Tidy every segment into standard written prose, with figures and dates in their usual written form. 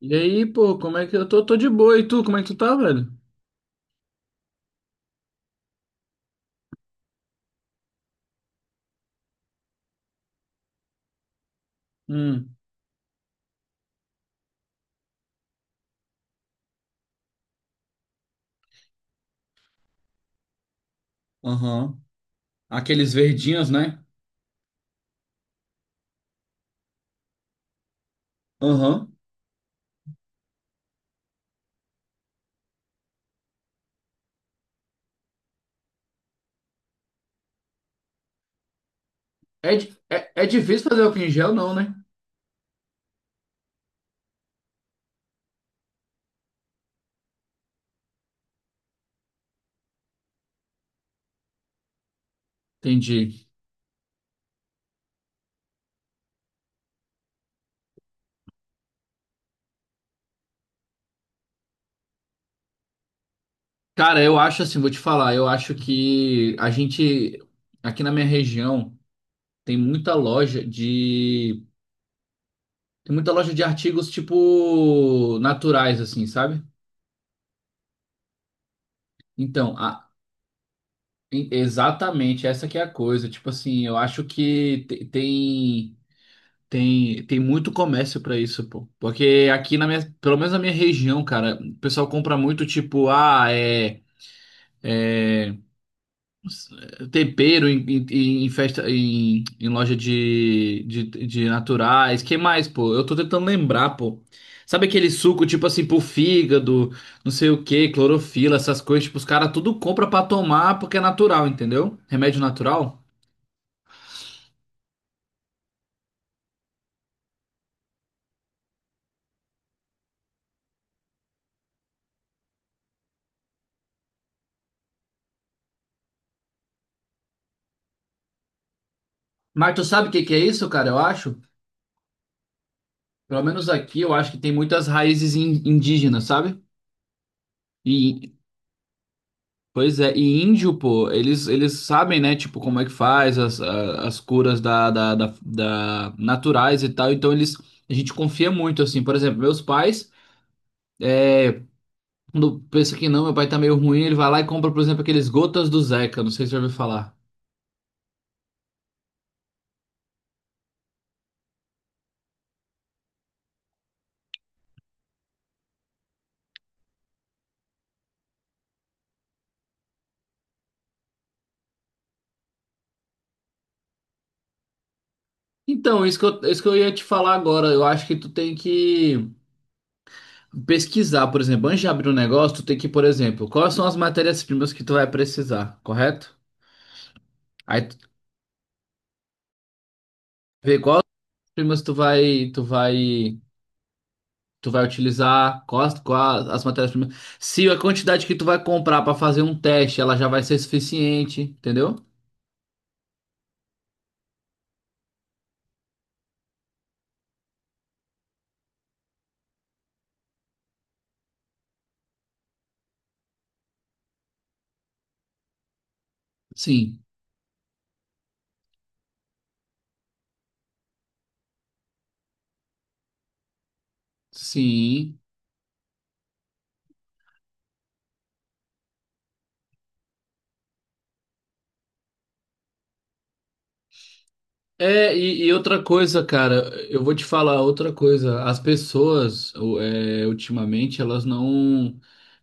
E aí, pô, como é que eu tô? Tô de boa. E tu, como é que tu tá, velho? Hum. Aham. Aqueles verdinhos, né? Aham. É, é difícil fazer álcool em gel, não, né? Entendi. Cara, eu acho assim, vou te falar, eu acho que a gente, aqui na minha região, tem muita loja de. Tem muita loja de artigos, tipo, naturais, assim, sabe? Então, exatamente, essa que é a coisa. Tipo assim, eu acho que tem. Tem muito comércio pra isso, pô. Porque aqui na minha, pelo menos na minha região, cara, o pessoal compra muito tipo, ah, é tempero em, em festa em, em loja de, de naturais. Que mais, pô? Eu tô tentando lembrar, pô. Sabe aquele suco tipo assim pro fígado, não sei o que clorofila, essas coisas, tipo, os caras tudo compra pra tomar porque é natural, entendeu? Remédio natural. Mas tu sabe o que que é isso, cara? Eu acho. Pelo menos aqui, eu acho que tem muitas raízes indígenas, sabe? E, pois é, e índio, pô, eles sabem, né, tipo, como é que faz as, as curas da, naturais e tal, então eles, a gente confia muito, assim, por exemplo, meus pais, quando pensa que não, meu pai tá meio ruim, ele vai lá e compra, por exemplo, aqueles gotas do Zeca, não sei se você já ouviu falar. Então, isso que eu ia te falar agora, eu acho que tu tem que pesquisar, por exemplo, antes de abrir um negócio, tu tem que, por exemplo, quais são as matérias-primas que tu vai precisar, correto? Aí tu vê qual primas tu vai, tu vai utilizar, quais, quais as matérias-primas. Se a quantidade que tu vai comprar para fazer um teste, ela já vai ser suficiente, entendeu? Sim, sim. É, e outra coisa, cara, eu vou te falar outra coisa. As pessoas, é, ultimamente,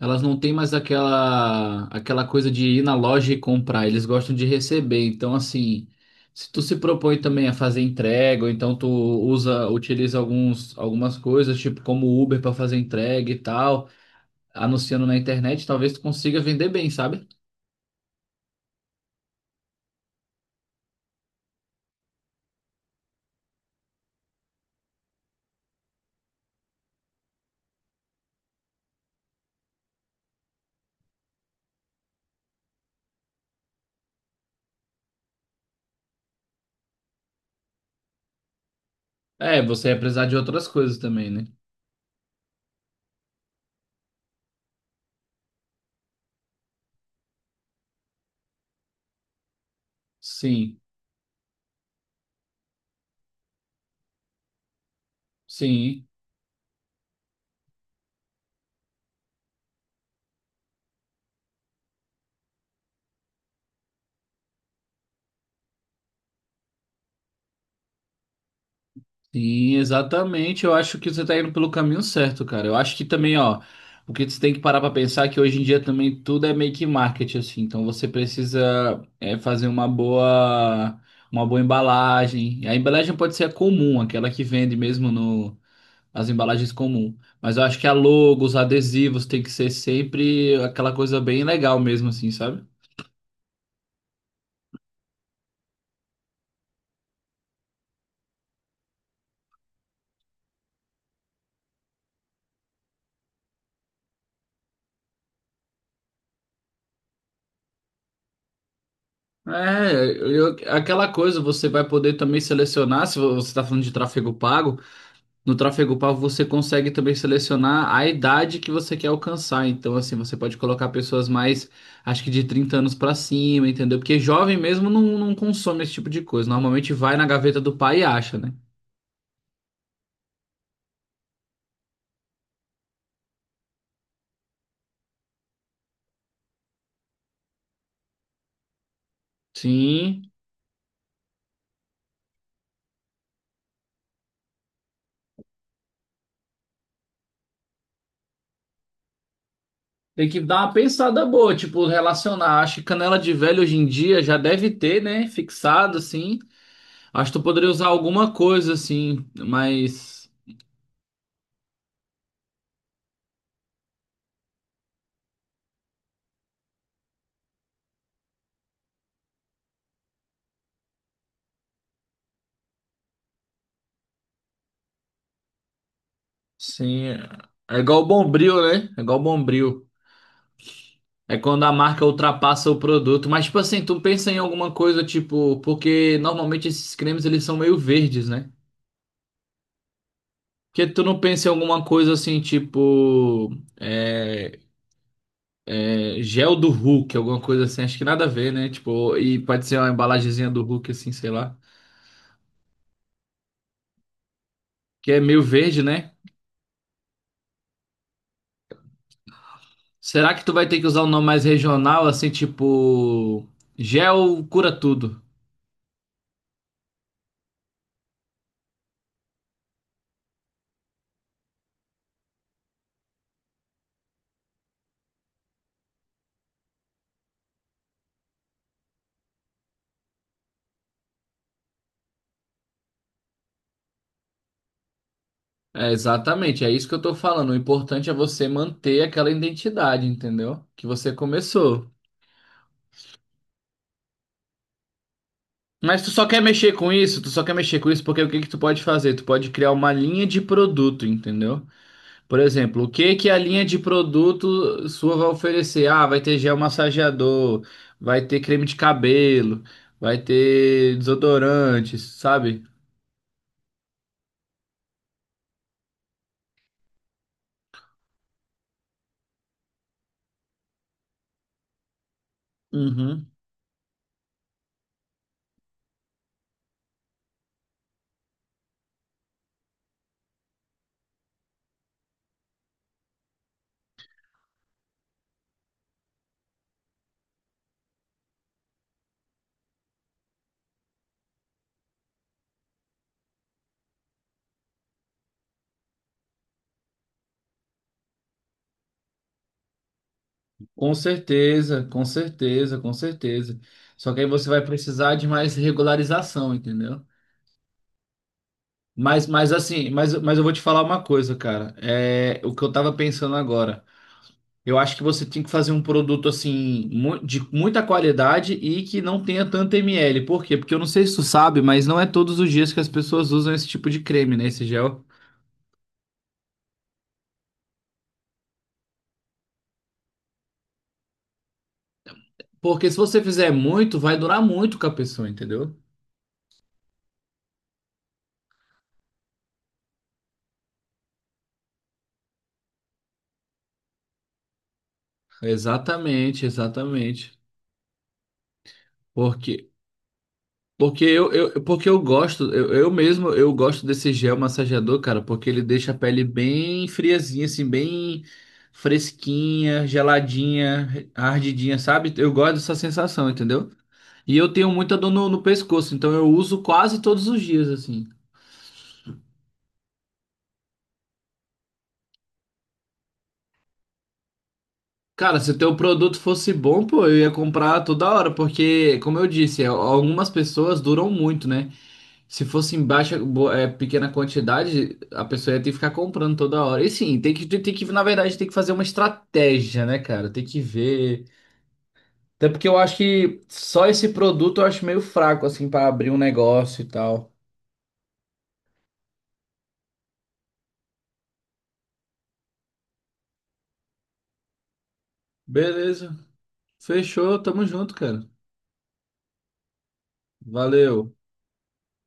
elas não têm mais aquela, aquela coisa de ir na loja e comprar. Eles gostam de receber. Então, assim, se tu se propõe também a fazer entrega, ou então tu usa, utiliza alguns, algumas coisas, tipo como Uber para fazer entrega e tal, anunciando na internet, talvez tu consiga vender bem, sabe? É, você ia precisar de outras coisas também, né? Sim, sim. Sim, exatamente. Eu acho que você está indo pelo caminho certo, cara. Eu acho que também, ó, o que você tem que parar para pensar é que hoje em dia também tudo é meio que marketing, assim. Então você precisa é, fazer uma boa embalagem. A embalagem pode ser a comum, aquela que vende mesmo no, as embalagens comum. Mas eu acho que a logo, os adesivos tem que ser sempre aquela coisa bem legal mesmo, assim, sabe? É, aquela coisa você vai poder também selecionar, se você está falando de tráfego pago. No tráfego pago, você consegue também selecionar a idade que você quer alcançar. Então, assim, você pode colocar pessoas mais, acho que de 30 anos pra cima, entendeu? Porque jovem mesmo não, não consome esse tipo de coisa. Normalmente vai na gaveta do pai e acha, né? Sim. Tem que dar uma pensada boa, tipo, relacionar. Acho que canela de velho hoje em dia já deve ter, né? Fixado, assim. Acho que tu poderia usar alguma coisa, assim, mas. Sim. É igual o Bombril, né? É igual o Bombril. É quando a marca ultrapassa o produto. Mas, tipo assim, tu pensa em alguma coisa, tipo, porque normalmente esses cremes eles são meio verdes, né? Porque tu não pensa em alguma coisa assim, tipo, é, é, gel do Hulk, alguma coisa assim, acho que nada a ver, né? Tipo, e pode ser uma embalagenzinha do Hulk, assim, sei lá. Que é meio verde, né? Será que tu vai ter que usar um nome mais regional, assim, tipo, gel cura tudo? É, exatamente, é isso que eu tô falando. O importante é você manter aquela identidade, entendeu? Que você começou. Tu só quer mexer com isso porque o que que tu pode fazer? Tu pode criar uma linha de produto, entendeu? Por exemplo, o que que a linha de produto sua vai oferecer? Ah, vai ter gel massageador, vai ter creme de cabelo, vai ter desodorantes, sabe? Uhum. Com certeza. Só que aí você vai precisar de mais regularização, entendeu? Mas eu vou te falar uma coisa, cara. É o que eu tava pensando agora. Eu acho que você tem que fazer um produto assim de muita qualidade e que não tenha tanto ml. Por quê? Porque eu não sei se tu sabe, mas não é todos os dias que as pessoas usam esse tipo de creme, né? Esse gel. Porque se você fizer muito, vai durar muito com a pessoa, entendeu? Exatamente, exatamente. Porque porque eu gosto, eu mesmo, eu gosto desse gel massageador, cara, porque ele deixa a pele bem friazinha, assim, bem fresquinha, geladinha, ardidinha, sabe? Eu gosto dessa sensação, entendeu? E eu tenho muita dor no, no pescoço, então eu uso quase todos os dias, assim. Cara, se o teu produto fosse bom, pô, eu ia comprar toda hora, porque, como eu disse, é, algumas pessoas duram muito, né? Se fosse em baixa, é, pequena quantidade, a pessoa ia ter que ficar comprando toda hora. E sim, na verdade, tem que fazer uma estratégia, né, cara? Tem que ver. Até porque eu acho que só esse produto eu acho meio fraco, assim, pra abrir um negócio e tal. Beleza. Fechou, tamo junto, cara. Valeu.